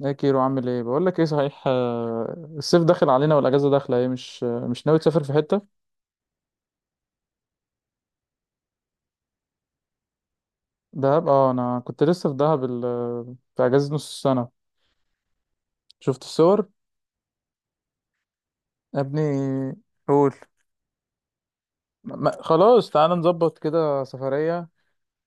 ايه كيرو، عامل ايه؟ بقول لك ايه، صحيح، الصيف داخل علينا والاجازه داخله، ايه مش ناوي تسافر في حته؟ دهب، اه. انا كنت لسه في دهب، في اجازه نص السنه. شفت الصور. يا ابني، قول. ما خلاص، تعالى نظبط كده سفريه.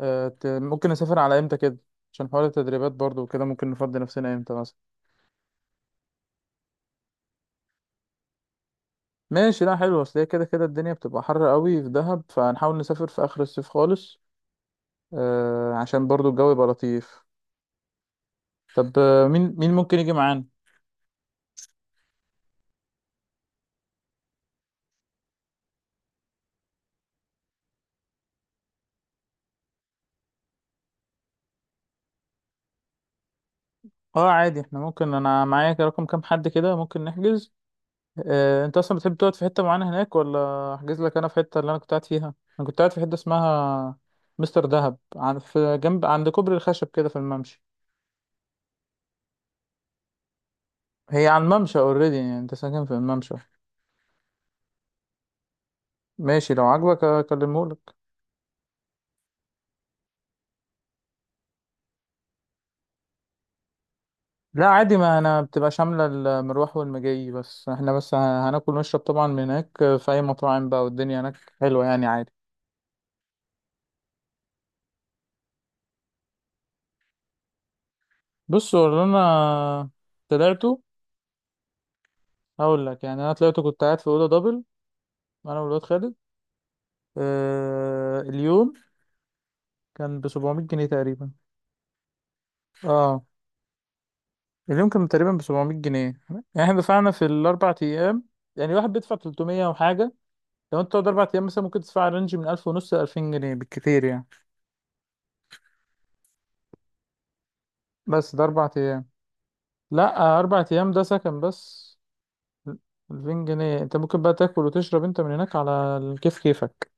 ممكن نسافر على امتى كده؟ عشان حوار التدريبات برضو وكده، ممكن نفضي نفسنا امتى مثلا؟ ماشي، لا حلو. اصل هي كده كده الدنيا بتبقى حر قوي في دهب، فهنحاول نسافر في اخر الصيف خالص. عشان برضو الجو يبقى لطيف. طب، مين ممكن يجي معانا؟ اه عادي، احنا ممكن، انا معايا كده رقم كام حد، كده ممكن نحجز. اه، انت اصلا بتحب تقعد في حته معينه هناك، ولا احجز لك انا في حته اللي انا كنت قاعد فيها؟ انا كنت قاعد في حته اسمها مستر دهب، عن في جنب عند كوبري الخشب كده في الممشى. هي على الممشى اوريدي، يعني انت ساكن في الممشى. ماشي، لو عاجبك اكلمهولك. لا عادي، ما انا بتبقى شامله المروح والمجي، بس احنا بس هناكل ونشرب طبعا من هناك في اي مطاعم بقى، والدنيا هناك حلوه يعني عادي. بص، هو اللي انا طلعته. هقول لك، يعني انا طلعت كنت قاعد في اوضه دبل، انا والواد خالد. اليوم كان ب 700 جنيه تقريبا. اه اليوم كان تقريبا ب 700 جنيه يعني، احنا دفعنا في الـ 4 ايام، يعني واحد بيدفع 300 وحاجه. لو انت تقعد 4 ايام مثلا، ممكن تدفع رينج من 1000 ونص ل 2000 جنيه بالكتير يعني. بس ده 4 ايام. لا، 4 ايام ده سكن بس. 2000 جنيه انت ممكن بقى تاكل وتشرب انت من هناك على كيف كيفك.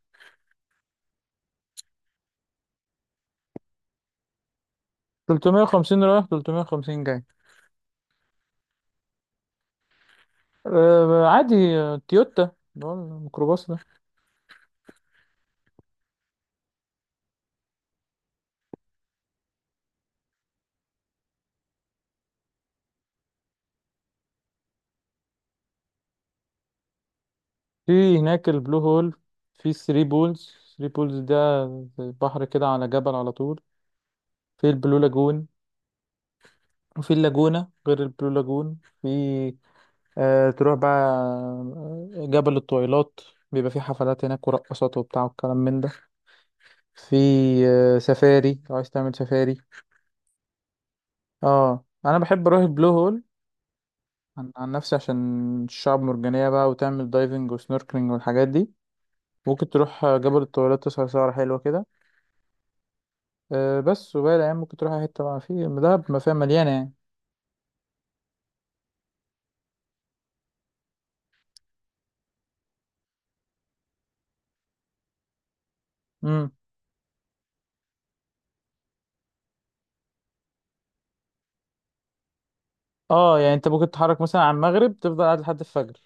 350 رايح، 350 جاي. عادي، تويوتا، اللي هو الميكروباص ده. في هناك البلو هول، في ثري بولز. ثري بولز ده زي بحر كده على جبل على طول. في البلو لاجون. وفي اللاجونة غير البلو لاجون، في تروح بقى جبل الطويلات، بيبقى فيه حفلات هناك ورقصات وبتاع والكلام من ده. في سفاري، لو عايز تعمل سفاري. اه، انا بحب اروح البلو هول، عن نفسي، عشان الشعب مرجانية بقى وتعمل دايفنج وسنوركلينج والحاجات دي. ممكن تروح جبل الطويلات تسهر سهرة حلوة كده. أه بس، وباقي الأيام ممكن تروح أي حتة بقى في دهب، ما فيها مليانة يعني. امم. اه يعني انت ممكن تتحرك مثلا على المغرب تفضل قاعد لحد الفجر.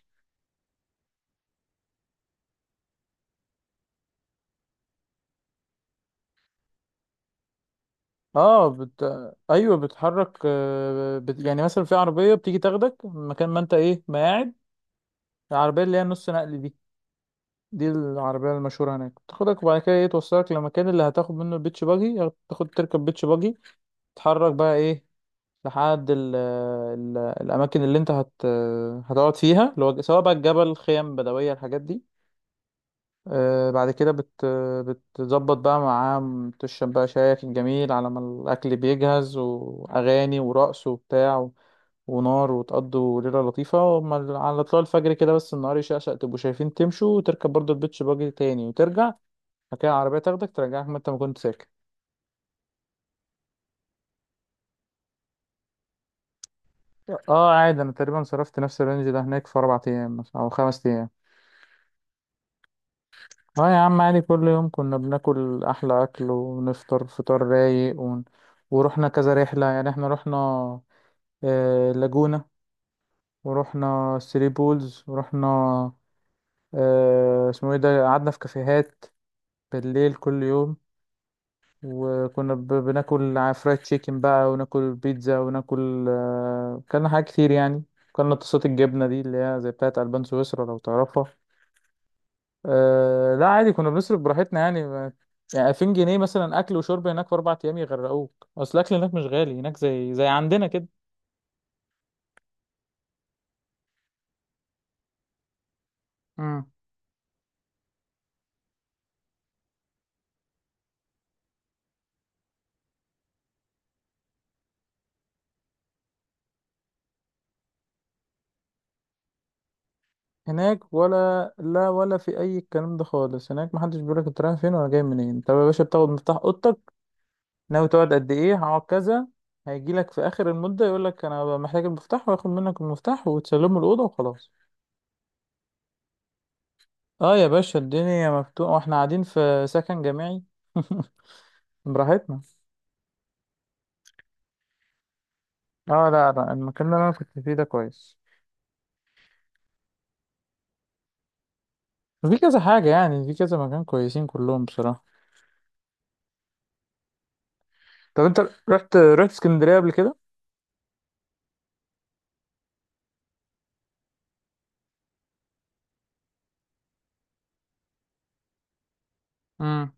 اه بت... ايوه بتتحرك، يعني مثلا في عربية بتيجي تاخدك من مكان ما انت ايه ما قاعد. العربية اللي هي النص نقل دي، دي العربية المشهورة هناك، تاخدك وبعد كده ايه توصلك للمكان اللي هتاخد منه البيتش باجي، تاخد تركب بيتش باجي، تتحرك بقى ايه لحد ال ال الأماكن اللي أنت هتقعد فيها، اللي هو سواء بقى الجبل، خيم بدوية، الحاجات دي. آه، بعد كده بت بتظبط بقى معاه، تشرب بقى شايك الجميل على ما الأكل بيجهز، وأغاني ورقص وبتاع ونار، وتقضوا ليلة لطيفة على طلوع الفجر كده، بس النهار يشقشق تبقوا شايفين تمشوا، وتركب برضو البيتش باجي تاني وترجع. بعد كده العربية تاخدك ترجعك ما أنت ما كنت ساكن. اه عادي، أنا تقريبا صرفت نفس الرينج ده هناك في 4 أيام مثلاً أو 5 أيام. اه يا عم عادي، كل يوم كنا بناكل احلى اكل، ونفطر فطار رايق ورحنا كذا رحلة، يعني احنا رحنا لاجونا، ورحنا ثري بولز، ورحنا اسمه ايه ده، قعدنا في كافيهات بالليل كل يوم. وكنا بناكل فرايد تشيكن بقى، وناكل بيتزا، وناكل كلنا حاجات كتير يعني. كلنا طاسات الجبنة دي، اللي هي زي بتاعت ألبان سويسرا لو تعرفها. لا عادي، كنا بنصرف براحتنا يعني. ما يعني 2000 جنيه مثلا اكل وشرب هناك في 4 ايام يغرقوك، اصل الاكل هناك مش غالي، هناك زي عندنا كده. امم. هناك ولا لا، ولا في اي الكلام ده خالص، هناك محدش بيقولك انت رايح فين ولا جاي منين، انت يا باشا بتاخد مفتاح اوضتك، ناوي تقعد قد ايه، هقعد كذا. هيجيلك في اخر المده يقولك انا محتاج المفتاح، وياخد منك المفتاح وتسلمه الاوضه وخلاص. اه يا باشا، الدنيا مفتوحه، واحنا قاعدين في سكن جامعي براحتنا. اه لا لا، المكان اللي انا كنت فيه ده كويس. في كذا حاجة، يعني في كذا مكان كويسين كلهم بصراحة. طب انت، رحت اسكندرية قبل كده؟ امم.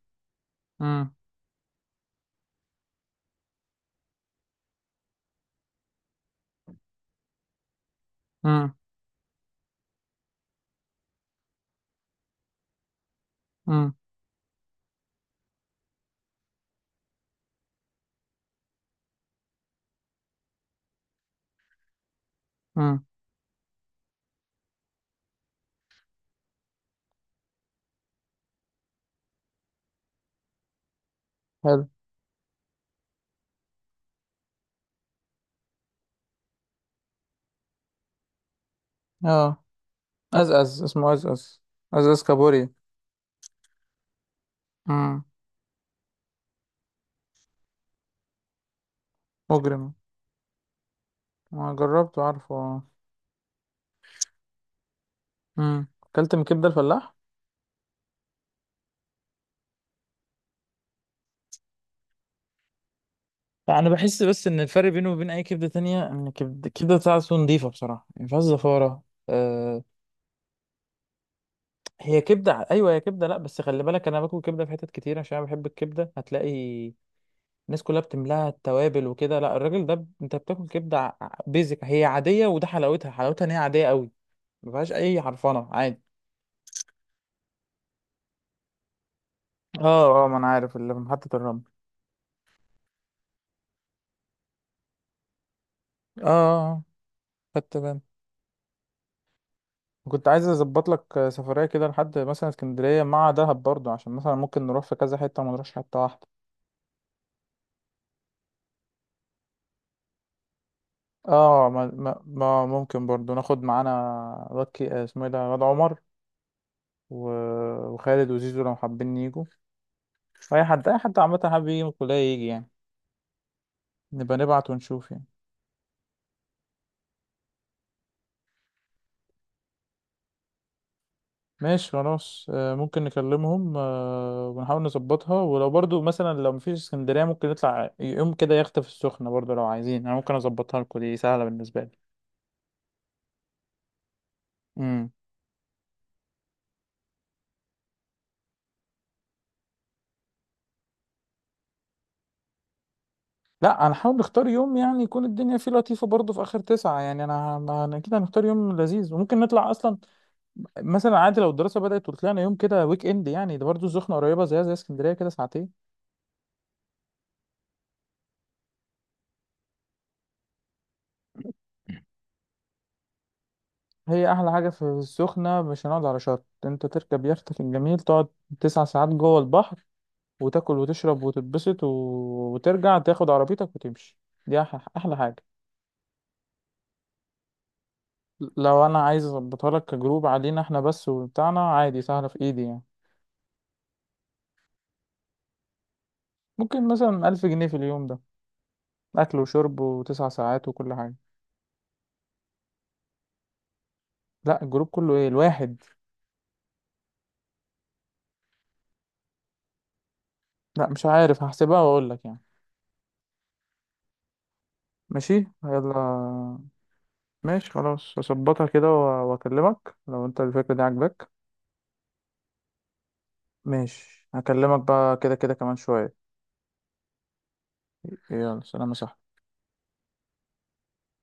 امم. امم. امم. امم. حلو. اه. أزأز، اسمه أزأز، أزأز كابوريا. امم. مجرم، ما جربته، عارفه، اه. امم. أكلت من كبدة الفلاح؟ انا بحس بس ان الفرق بينه وبين اي كبده تانية، ان الكبده بتاعته نضيفه بصراحه، ما فيهاش زفاره. أه، هي كبده، ايوه هي كبده، لا بس خلي بالك انا باكل كبده في حتت كتير عشان انا بحب الكبده. هتلاقي الناس كلها بتملاها التوابل وكده، لا الراجل ده انت بتاكل كبده بيزك، هي عاديه، وده حلاوتها، حلاوتها ان هي عاديه قوي، ما فيهاش اي حرفنه عادي. اه اه، ما انا عارف اللي في محطه الرمل. اه، خدت بالي. كنت عايز اظبط لك سفريه كده لحد مثلا اسكندريه مع دهب برضو، عشان مثلا ممكن نروح في كذا حته وما نروحش حته واحده. اه ما... ما... ما ممكن برضو ناخد معانا واد كي- آه، اسمه ايه ده واد عمر، و... وخالد وزيزو لو حابين يجوا. اي حد، اي حد عامه حابب يجي من الكليه يجي يعني، نبقى نبعت ونشوف يعني. ماشي خلاص، ممكن نكلمهم ونحاول نظبطها. ولو برضو مثلا لو مفيش اسكندرية، ممكن نطلع يوم كده يخت في السخنة برضو لو عايزين، انا ممكن اظبطها لكم، دي سهلة بالنسبة لي. امم. لا، هنحاول نختار يوم يعني يكون الدنيا فيه لطيفة برضو في آخر تسعة، يعني أنا كده هنختار يوم لذيذ، وممكن نطلع أصلا مثلا عادي لو الدراسة بدأت وطلعنا يوم كده ويك إند يعني، ده برضو السخنة قريبة زي اسكندرية كده ساعتين. هي أحلى حاجة في السخنة مش هنقعد على شط، أنت تركب يختك الجميل تقعد 9 ساعات جوه البحر، وتاكل وتشرب وتتبسط وترجع تاخد عربيتك وتمشي. دي احلى حاجة. لو انا عايز اظبطها لك كجروب علينا احنا بس وبتاعنا عادي، سهلة في ايدي يعني. ممكن مثلا 1000 جنيه في اليوم ده، اكل وشرب وتسع ساعات وكل حاجة. لا الجروب كله، ايه الواحد. لا مش عارف، هحسبها واقول لك يعني. ماشي. يلا. ماشي خلاص اظبطها كده واكلمك لو انت الفكرة دي عاجباك. ماشي هكلمك بقى كده كده كمان شوية. يلا، سلام يا صاحبي.